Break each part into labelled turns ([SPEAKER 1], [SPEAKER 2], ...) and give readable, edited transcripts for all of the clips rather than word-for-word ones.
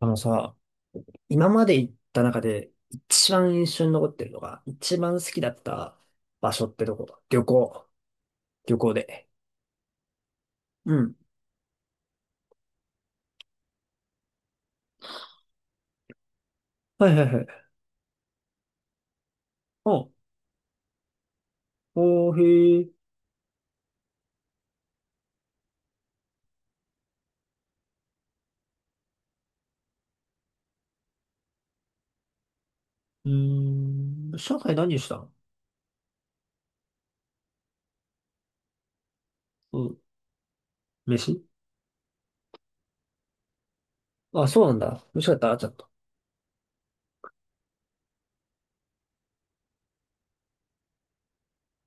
[SPEAKER 1] あのさ、今まで行った中で一番印象に残ってるのが、一番好きだった場所ってどこだ旅行。旅行で。うん。はいはいはい。お、おー、へー。うーん。上海何したの？うん。飯。あ、そうなんだ。美味しかった？ちょっと。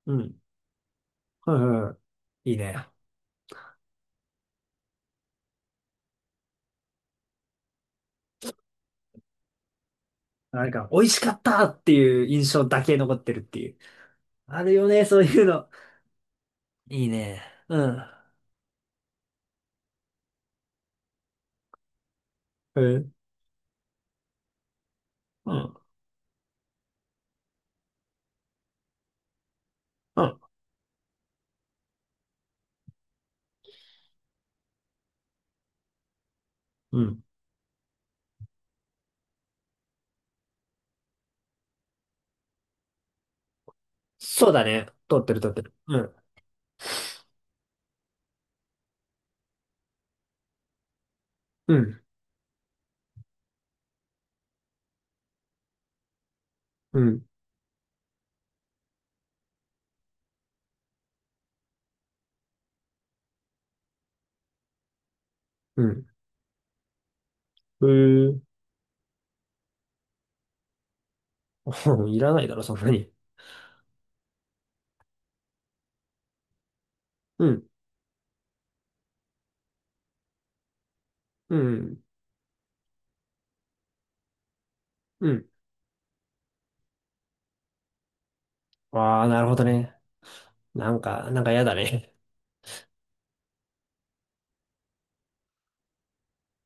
[SPEAKER 1] うん。はいはいはい。いいね。なんか、美味しかったっていう印象だけ残ってるっていう。あるよね、そういうの。いいね。うん。え、うん。うん。うん。そうだね。通ってる通ってる。うん。うん、うん、うん。へえ。いらないだろ、そんなに。うん、うん、うん。ああ、なるほどね。なんか、なんか嫌だね。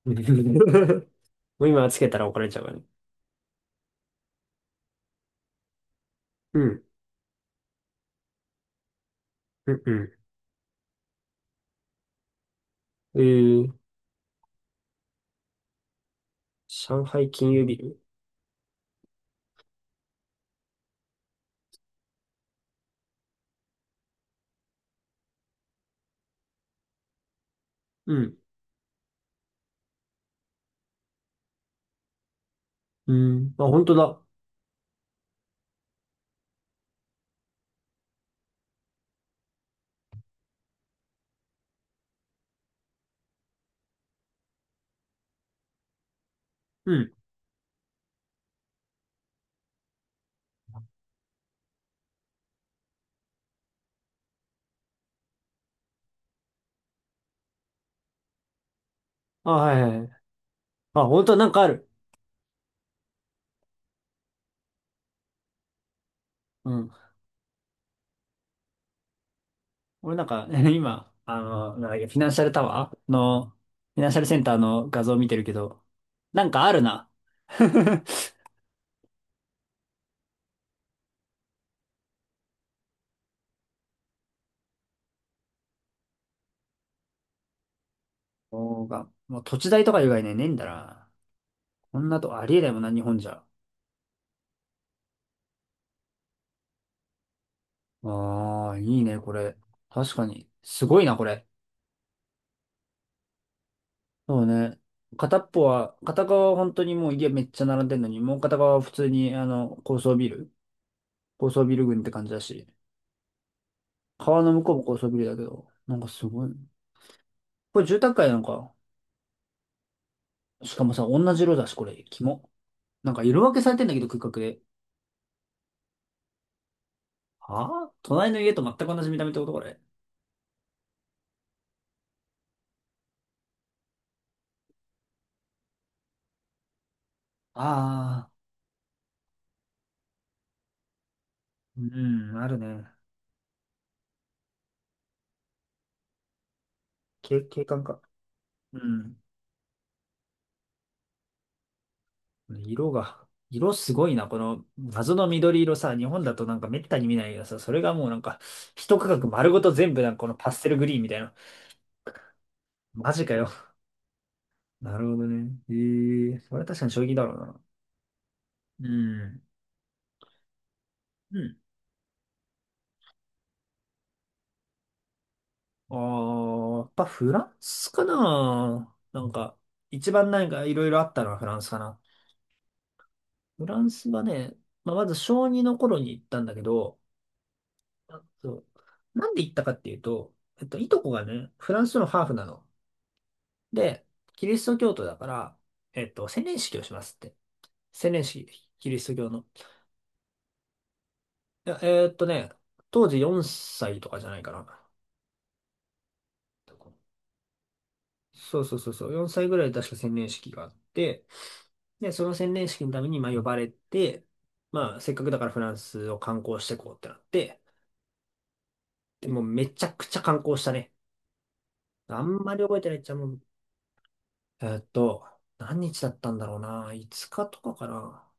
[SPEAKER 1] うん。 もう今つけたら怒られちゃうからね。うん、うん、うん、ー、上海金融ビル。うん、うん。あ、本当だ。うん。あ、はいはいはい。あ、本当だ、なんかある。うん。俺なんか、今、なんだっけ、フィナンシャルタワーの、フィナンシャルセンターの画像を見てるけど、なんかあるな。そうか。もう土地代とか以外ね、ねえんだな。こんなとこありえないもんな、日本じゃ。ああ、いいね、これ。確かに。すごいな、これ。そうね。片っぽは、片側は本当にもう家めっちゃ並んでんのに、もう片側は普通に、高層ビル。高層ビル群って感じだし。川の向こうも高層ビルだけど、なんかすごい。これ住宅街なのか。しかもさ、同じ色だし、これ、キモ。なんか色分けされてんだけど、空画で。はあ、隣の家と全く同じ見た目ってこと、これ。ああ、うん、あるね。け景観か。うん。色が、色すごいな。この謎の緑色さ、日本だとなんかめったに見ないけどさ、それがもうなんか、一区画丸ごと全部なんかこのパステルグリーンみたいな。マジかよ。なるほどね。ええ、それは確かに衝撃だろうな。うん。うん。ああ、やっぱフランスかな。なんか、一番なんかいろいろあったのはフランスかな。フランスはね、まあ、まず小2の頃に行ったんだけど、そう。なんで行ったかっていうと、いとこがね、フランスのハーフなの。で、キリスト教徒だから、洗礼式をしますって。洗礼式、キリスト教の。いやえーっとね、当時4歳とかじゃないかな。そうそうそうそう、4歳ぐらいで確か洗礼式があって、で、その洗礼式のために、まあ、呼ばれて、まあ、せっかくだからフランスを観光してこうってなって、でもうめちゃくちゃ観光したね。あんまり覚えてないっちゃもう、えーっと、何日だったんだろうな。5日とかかな。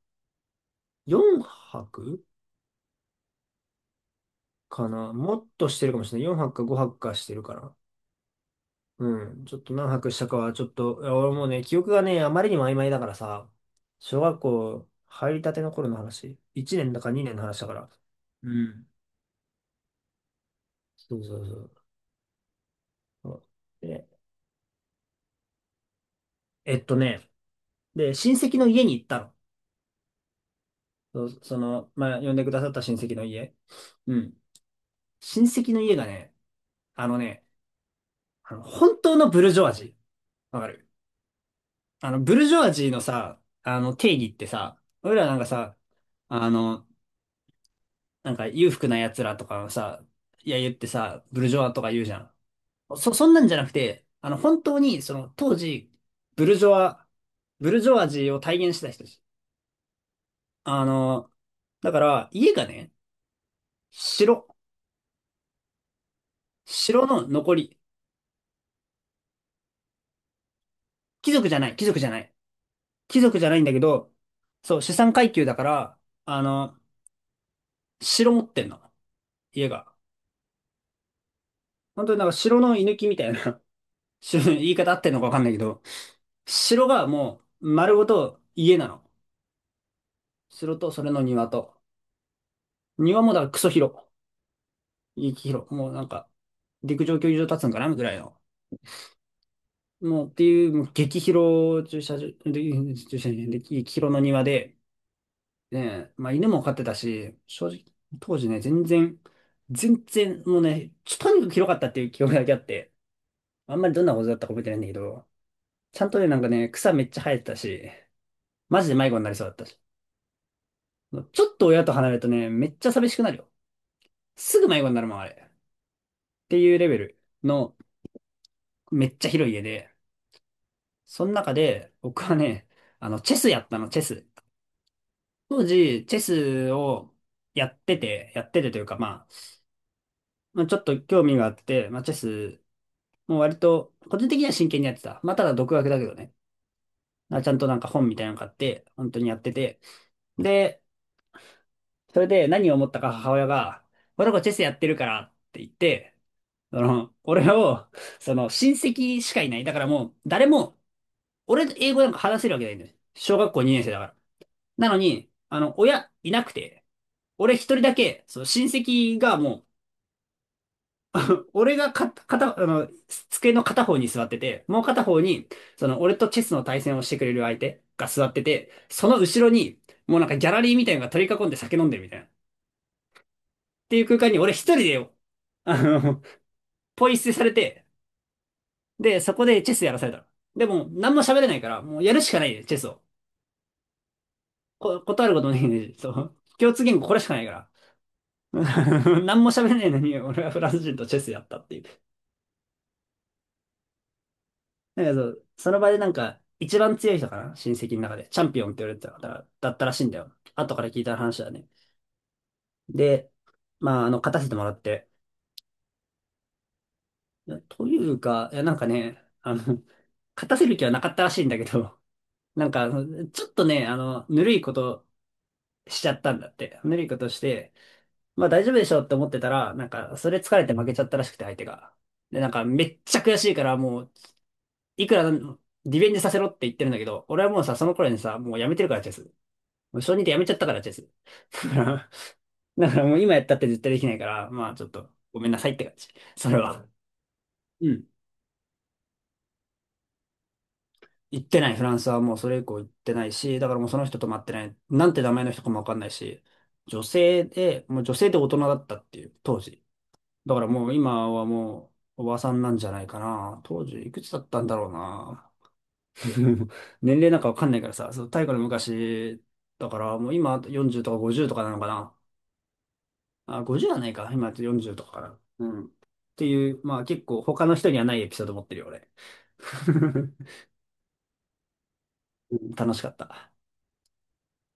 [SPEAKER 1] 4泊かな。もっとしてるかもしれない。4泊か5泊かしてるから。うん。ちょっと何泊したかは、ちょっと、いや俺もうね、記憶がね、あまりにも曖昧だからさ、小学校入りたての頃の話。1年だか2年の話だから。うん。そうそうそう。そうで、えっとね、で、親戚の家に行ったの。そうその、まあ、呼んでくださった親戚の家。うん。親戚の家がね、あのね、あの、本当のブルジョワジー。わかる？あの、ブルジョワジーのさ、あの、定義ってさ、俺らなんかさ、あの、なんか裕福な奴らとかのさ、いや言ってさ、ブルジョワとか言うじゃん。そんなんじゃなくて、あの、本当に、その、当時、ブルジョワ、ブルジョワジーを体現してた人たち。あの、だから、家がね、城、城の残り、貴族じゃない、貴族じゃない。貴族じゃないんだけど、そう、資産階級だから、あの、城持ってんの。家が。本当になんか城の居抜きみたいな。 城、言い方あってんのかわかんないけど、城がもう丸ごと家なの。城とそれの庭と。庭もだからクソ広。激広。もうなんか、陸上競技場立つんかなぐらいの。もうっていう、もう激広駐車場、で駐車場じゃない激広の庭で、ね、まあ犬も飼ってたし、正直、当時ね、全然、もうね、ちょ、とにかく広かったっていう記憶だけあって、あんまりどんなことだったか覚えてないんだけど、ちゃんとね、なんかね、草めっちゃ生えてたし、マジで迷子になりそうだったし。ちょっと親と離れるとね、めっちゃ寂しくなるよ。すぐ迷子になるもん、あれ。っていうレベルの、めっちゃ広い家で、その中で、僕はね、あの、チェスやったの、チェス。当時、チェスをやってて、やっててというか、まあ、まあ、ちょっと興味があって、まあ、チェス、もう割と、個人的には真剣にやってた。まあ、ただ独学だけどね。あ、ちゃんとなんか本みたいなの買って、本当にやってて。で、それで何を思ったか母親が、この子チェスやってるからって言って、俺を、その、親戚しかいない。だからもう、誰も、俺と英語なんか話せるわけないんだよ。小学校2年生だから。なのに、あの、親いなくて、俺一人だけ、その親戚がもう、俺がか、片、あの、机の片方に座ってて、もう片方に、その、俺とチェスの対戦をしてくれる相手が座ってて、その後ろに、もうなんかギャラリーみたいなのが取り囲んで酒飲んでるみたいな。っていう空間に俺一人でよ、あの、ポイ捨てされて、で、そこでチェスやらされたの。でも、何も喋れないから、もうやるしかないで、チェスを。断ることもできないで、そう。共通言語これしかないから。何も喋れないのに、俺はフランス人とチェスやったっていう。なんそその場でなんか、一番強い人かな、親戚の中で。チャンピオンって言われてた方だったらしいんだよ。後から聞いた話だね。で、まあ、あの、勝たせてもらって。というか、いや、なんかね、あの、勝たせる気はなかったらしいんだけど、なんか、ちょっとね、あの、ぬるいことしちゃったんだって。ぬるいことして、まあ大丈夫でしょって思ってたら、なんか、それ疲れて負けちゃったらしくて、相手が。で、なんか、めっちゃ悔しいから、もう、いくらリベンジさせろって言ってるんだけど、俺はもうさ、その頃にさ、もうやめてるからチェス。もう小認でやめちゃったからチェス。だから、だからもう今やったって絶対できないから、まあちょっと、ごめんなさいって感じ。それは。うん。行ってない、フランスはもうそれ以降行ってないし、だからもうその人と待ってない、なんて名前の人かもわかんないし、女性で、もう女性で大人だったっていう、当時。だからもう今はもうおばさんなんじゃないかな。当時いくつだったんだろうな。年齢なんかわかんないからさ、そう、太古の昔、だからもう今40とか50とかなのかな。あ、50はないか。今40とかかな。うん。っていう、まあ結構他の人にはないエピソード持ってるよ、俺。うん、楽しかった。